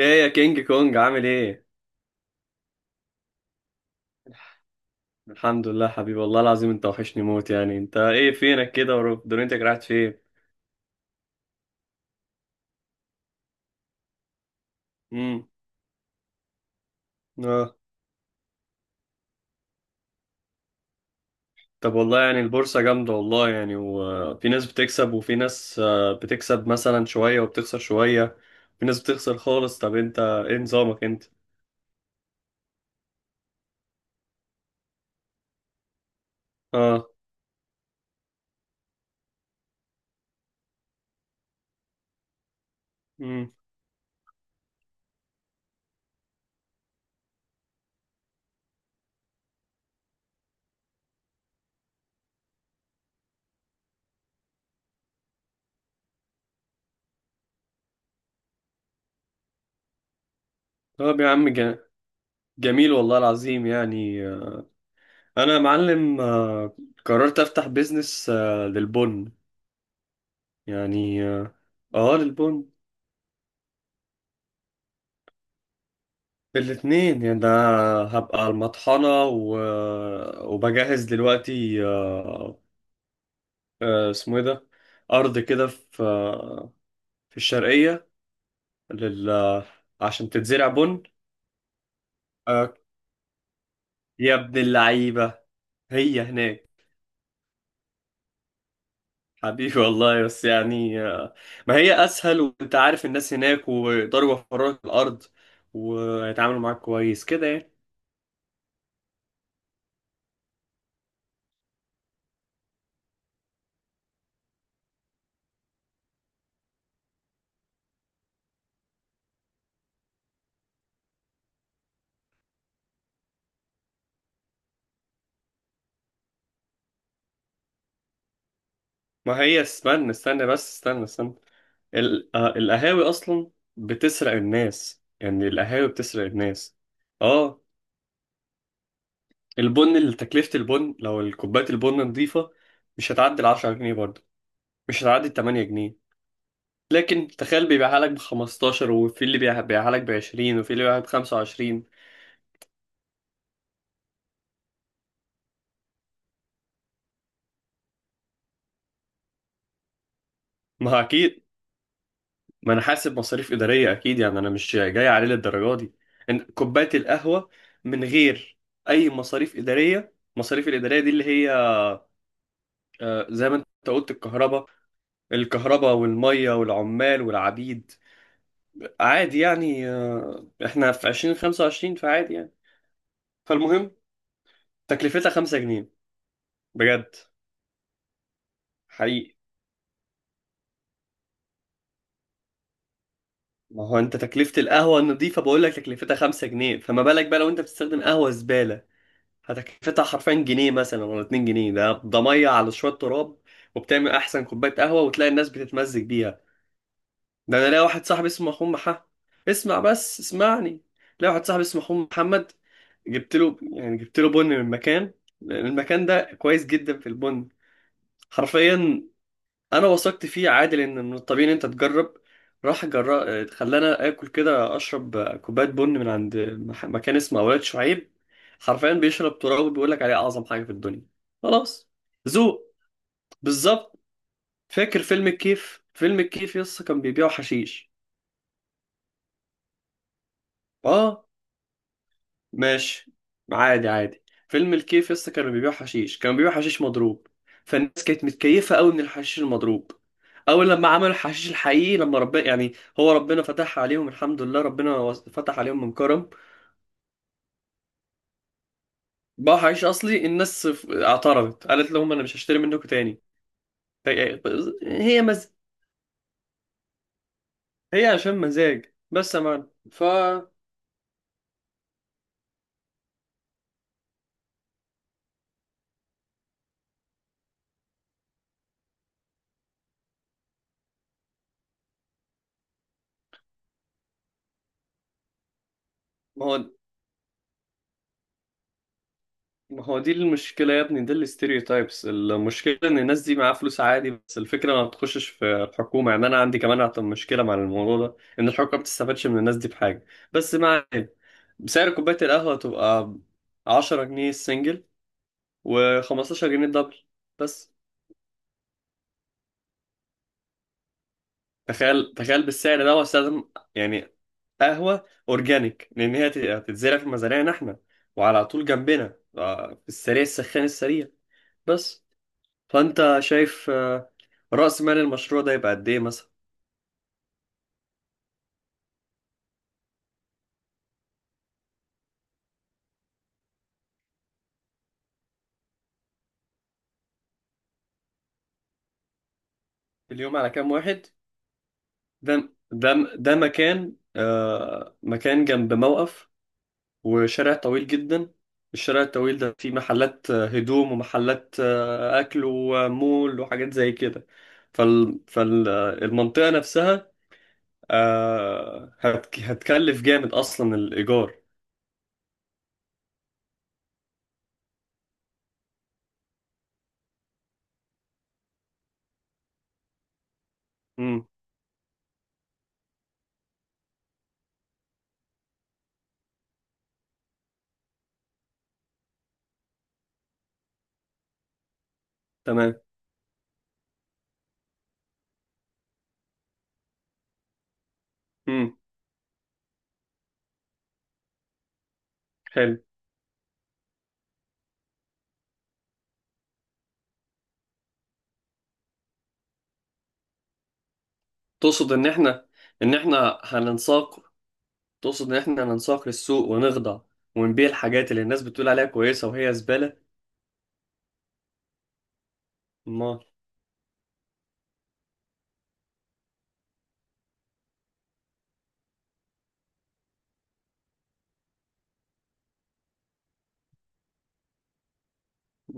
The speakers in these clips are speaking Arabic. ايه يا كينج كونج عامل ايه؟ الحمد لله حبيبي، والله العظيم انت وحشني موت، يعني انت ايه فينك كده ودنيتك راحت فين؟ امم. اه. طب والله يعني البورصة جامدة والله، يعني وفي ناس بتكسب وفي ناس بتكسب مثلا شوية وبتخسر شوية. في ناس بتخسر خالص. طب انت ايه نظامك انت؟ اه. امم. طب يا عم جميل والله العظيم، يعني انا يا معلم قررت افتح بيزنس للبن. يعني اه، للبن بالاتنين يعني ده. هبقى على المطحنة وبجهز دلوقتي، اسمه ايه ده، أرض كده في في الشرقية لل... عشان تتزرع بن. آه، يا ابن اللعيبة. هي هناك. حبيبي والله، بس يعني ما هي أسهل، وأنت عارف الناس هناك ويقدروا يوفروا لك الأرض ويتعاملوا معاك كويس كده يعني. ما هي استنى استنى، بس استنى استنى. القهاوي اصلا بتسرق الناس، يعني القهاوي بتسرق الناس. اه. البن اللي تكلفة البن، لو كوباية البن نظيفة مش هتعدي ال 10 جنيه برضه، مش هتعدي ال 8 جنيه، لكن تخيل بيبيعها لك ب 15، وفي اللي بيبيعها لك ب 20، وفي اللي بيبيعها ب 25. ما هو اكيد، ما انا حاسب مصاريف إدارية اكيد، يعني انا مش جاي عليه للدرجة دي. إن كوباية القهوة من غير اي مصاريف إدارية، مصاريف الإدارية دي اللي هي زي ما انت قلت الكهرباء، الكهرباء والمية والعمال والعبيد. عادي يعني، احنا في 2025 فعادي يعني. فالمهم تكلفتها 5 جنيه بجد. حقيقي. ما هو انت تكلفة القهوة النظيفة بقول لك تكلفتها 5 جنيه، فما بالك بقى لو انت بتستخدم قهوة زبالة؟ هتكلفتها حرفيا جنيه مثلا ولا 2 جنيه. ده مية على شوية تراب، وبتعمل أحسن كوباية قهوة وتلاقي الناس بتتمزج بيها. ده أنا لاقي واحد صاحبي اسمه أخوه محمد. اسمع، بس اسمعني. لاقي واحد صاحبي اسمه أخوه محمد، جبت له بن من مكان، لأن المكان ده كويس جدا في البن، حرفيا. انا وثقت فيه، عادل ان من الطبيعي ان انت تجرب. راح جرب، خلانا اكل كده اشرب كوبايه بن من عند مكان اسمه اولاد شعيب. حرفيا بيشرب تراب بيقول لك عليه اعظم حاجه في الدنيا. خلاص، ذوق، بالظبط. فاكر فيلم الكيف؟ فيلم الكيف يس كان بيبيعوا حشيش. اه، ماشي. عادي عادي، فيلم الكيف لسه كانوا بيبيعوا حشيش، كانوا بيبيعوا حشيش مضروب، فالناس كانت متكيفة قوي من الحشيش المضروب. اول لما عملوا الحشيش الحقيقي لما ربنا، يعني هو ربنا فتح عليهم الحمد لله، ربنا فتح عليهم من كرم. باعوا حشيش اصلي، الناس اعترضت قالت لهم انا مش هشتري منكم تاني. هي. هي مز... هي عشان مزاج بس يا معلم. ما هو ما هو دي المشكلة يا ابني، دي تايبس. المشكلة ان الناس دي معاها فلوس عادي، بس الفكرة ما بتخشش في الحكومة، يعني انا عندي كمان أعتقد مشكلة مع الموضوع ده، ان الحكومة ما بتستفادش من الناس دي بحاجة. بس مع سعر كوباية القهوة تبقى 10 جنيه السنجل و15 جنيه الدبل بس. تخيل تخيل بالسعر ده واستخدم يعني قهوة اورجانيك، لان هي هتتزرع في مزارعنا احنا، وعلى طول جنبنا في السريع السخان السريع. بس فانت شايف رأس مال المشروع ده يبقى قد ايه مثلا؟ في اليوم على كام واحد؟ ده مكان، مكان جنب موقف وشارع طويل جدا، الشارع الطويل ده فيه محلات هدوم ومحلات اكل ومول وحاجات زي كده. فالمنطقة نفسها هتكلف جامد اصلا الايجار. امم. تمام. امم. حلو. تقصد ان احنا، هننساق. تقصد ان احنا ننساق للسوق ونخضع، ونبيع الحاجات اللي الناس بتقول عليها كويسة وهي زبالة. ما،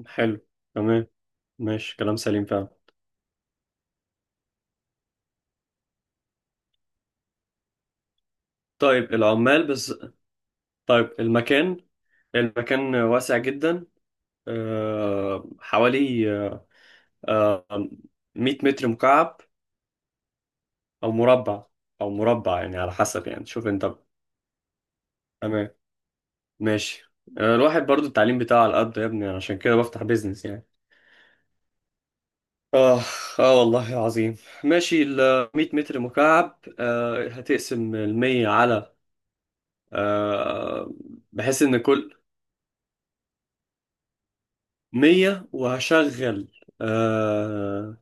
حلو. تمام، ماشي، كلام سليم فعلا. طيب العمال بس. طيب المكان واسع جدا. حوالي أه... 100 متر مكعب، او مربع. يعني على حسب، يعني شوف انت. تمام، ماشي. الواحد برضو التعليم بتاعه على قد يا ابني، عشان كده بفتح بيزنس يعني. آه آه والله عظيم. ماشي، ال 100 متر مكعب. هتقسم ال 100 على آه بحيث إن كل 100، وهشغل آه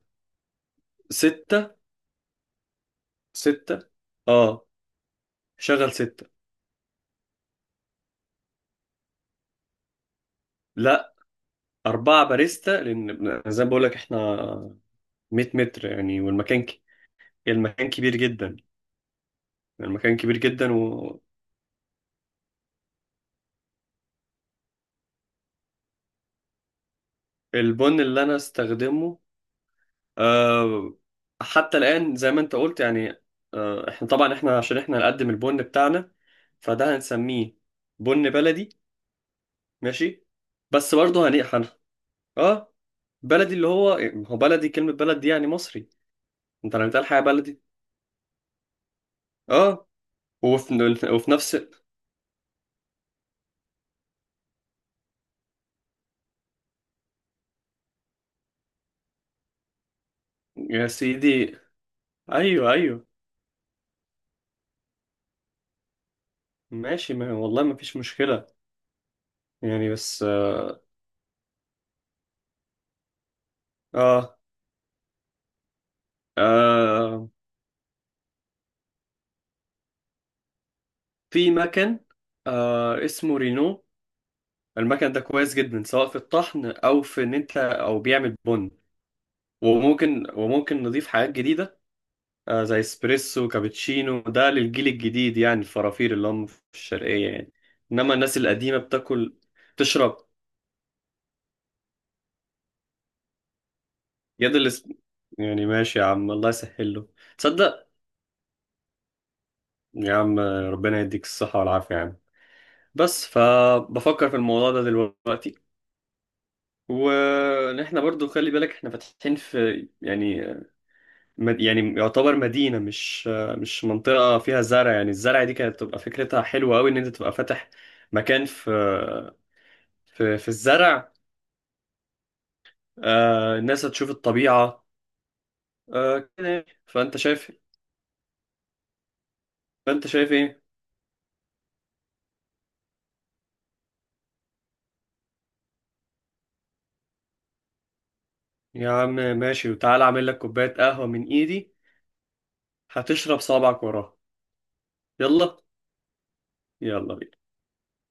ستة. ستة آه شغل ستة. لا، أربعة باريستا، لأن زي ما بقول لك إحنا 100 متر يعني، والمكان المكان كبير جدا. المكان كبير جدا والبن اللي أنا استخدمه آه، حتى الآن، زي ما أنت قلت، يعني إحنا طبعا إحنا عشان إحنا نقدم البن بتاعنا، فده هنسميه بن بلدي. ماشي. بس برضه آه بلدي اللي هو، هو بلدي كلمة بلد دي يعني مصري. أنت لما بتقول حاجة بلدي. آه، وفي نفس. يا سيدي، أيوه أيوه، ماشي، ما والله ما فيش مشكلة. يعني بس آه آه، في مكان اسمه رينو. المكن ده كويس جدا سواء في الطحن او في ان انت او بيعمل بن، وممكن نضيف حاجات جديده زي اسبريسو كابتشينو. ده للجيل الجديد يعني الفرافير اللي هم في الشرقيه يعني، انما الناس القديمه بتاكل. تشرب. يد الاس... يعني ماشي يا عم، الله يسهل له. تصدق، يا عم ربنا يديك الصحه والعافيه يا عم. بس فبفكر في الموضوع ده دلوقتي، وان احنا برضو خلي بالك احنا فاتحين في يعني يعني يعتبر مدينة، مش منطقة فيها زرع، يعني الزرع دي كانت تبقى فكرتها حلوة أوي إن أنت تبقى فاتح مكان في في الزرع. الناس هتشوف الطبيعة، كده يعني. فأنت شايف إيه؟ يا عم ماشي، وتعالى أعمل لك كوباية قهوة من إيدي، هتشرب صابعك وراها. يلا. يلا بينا.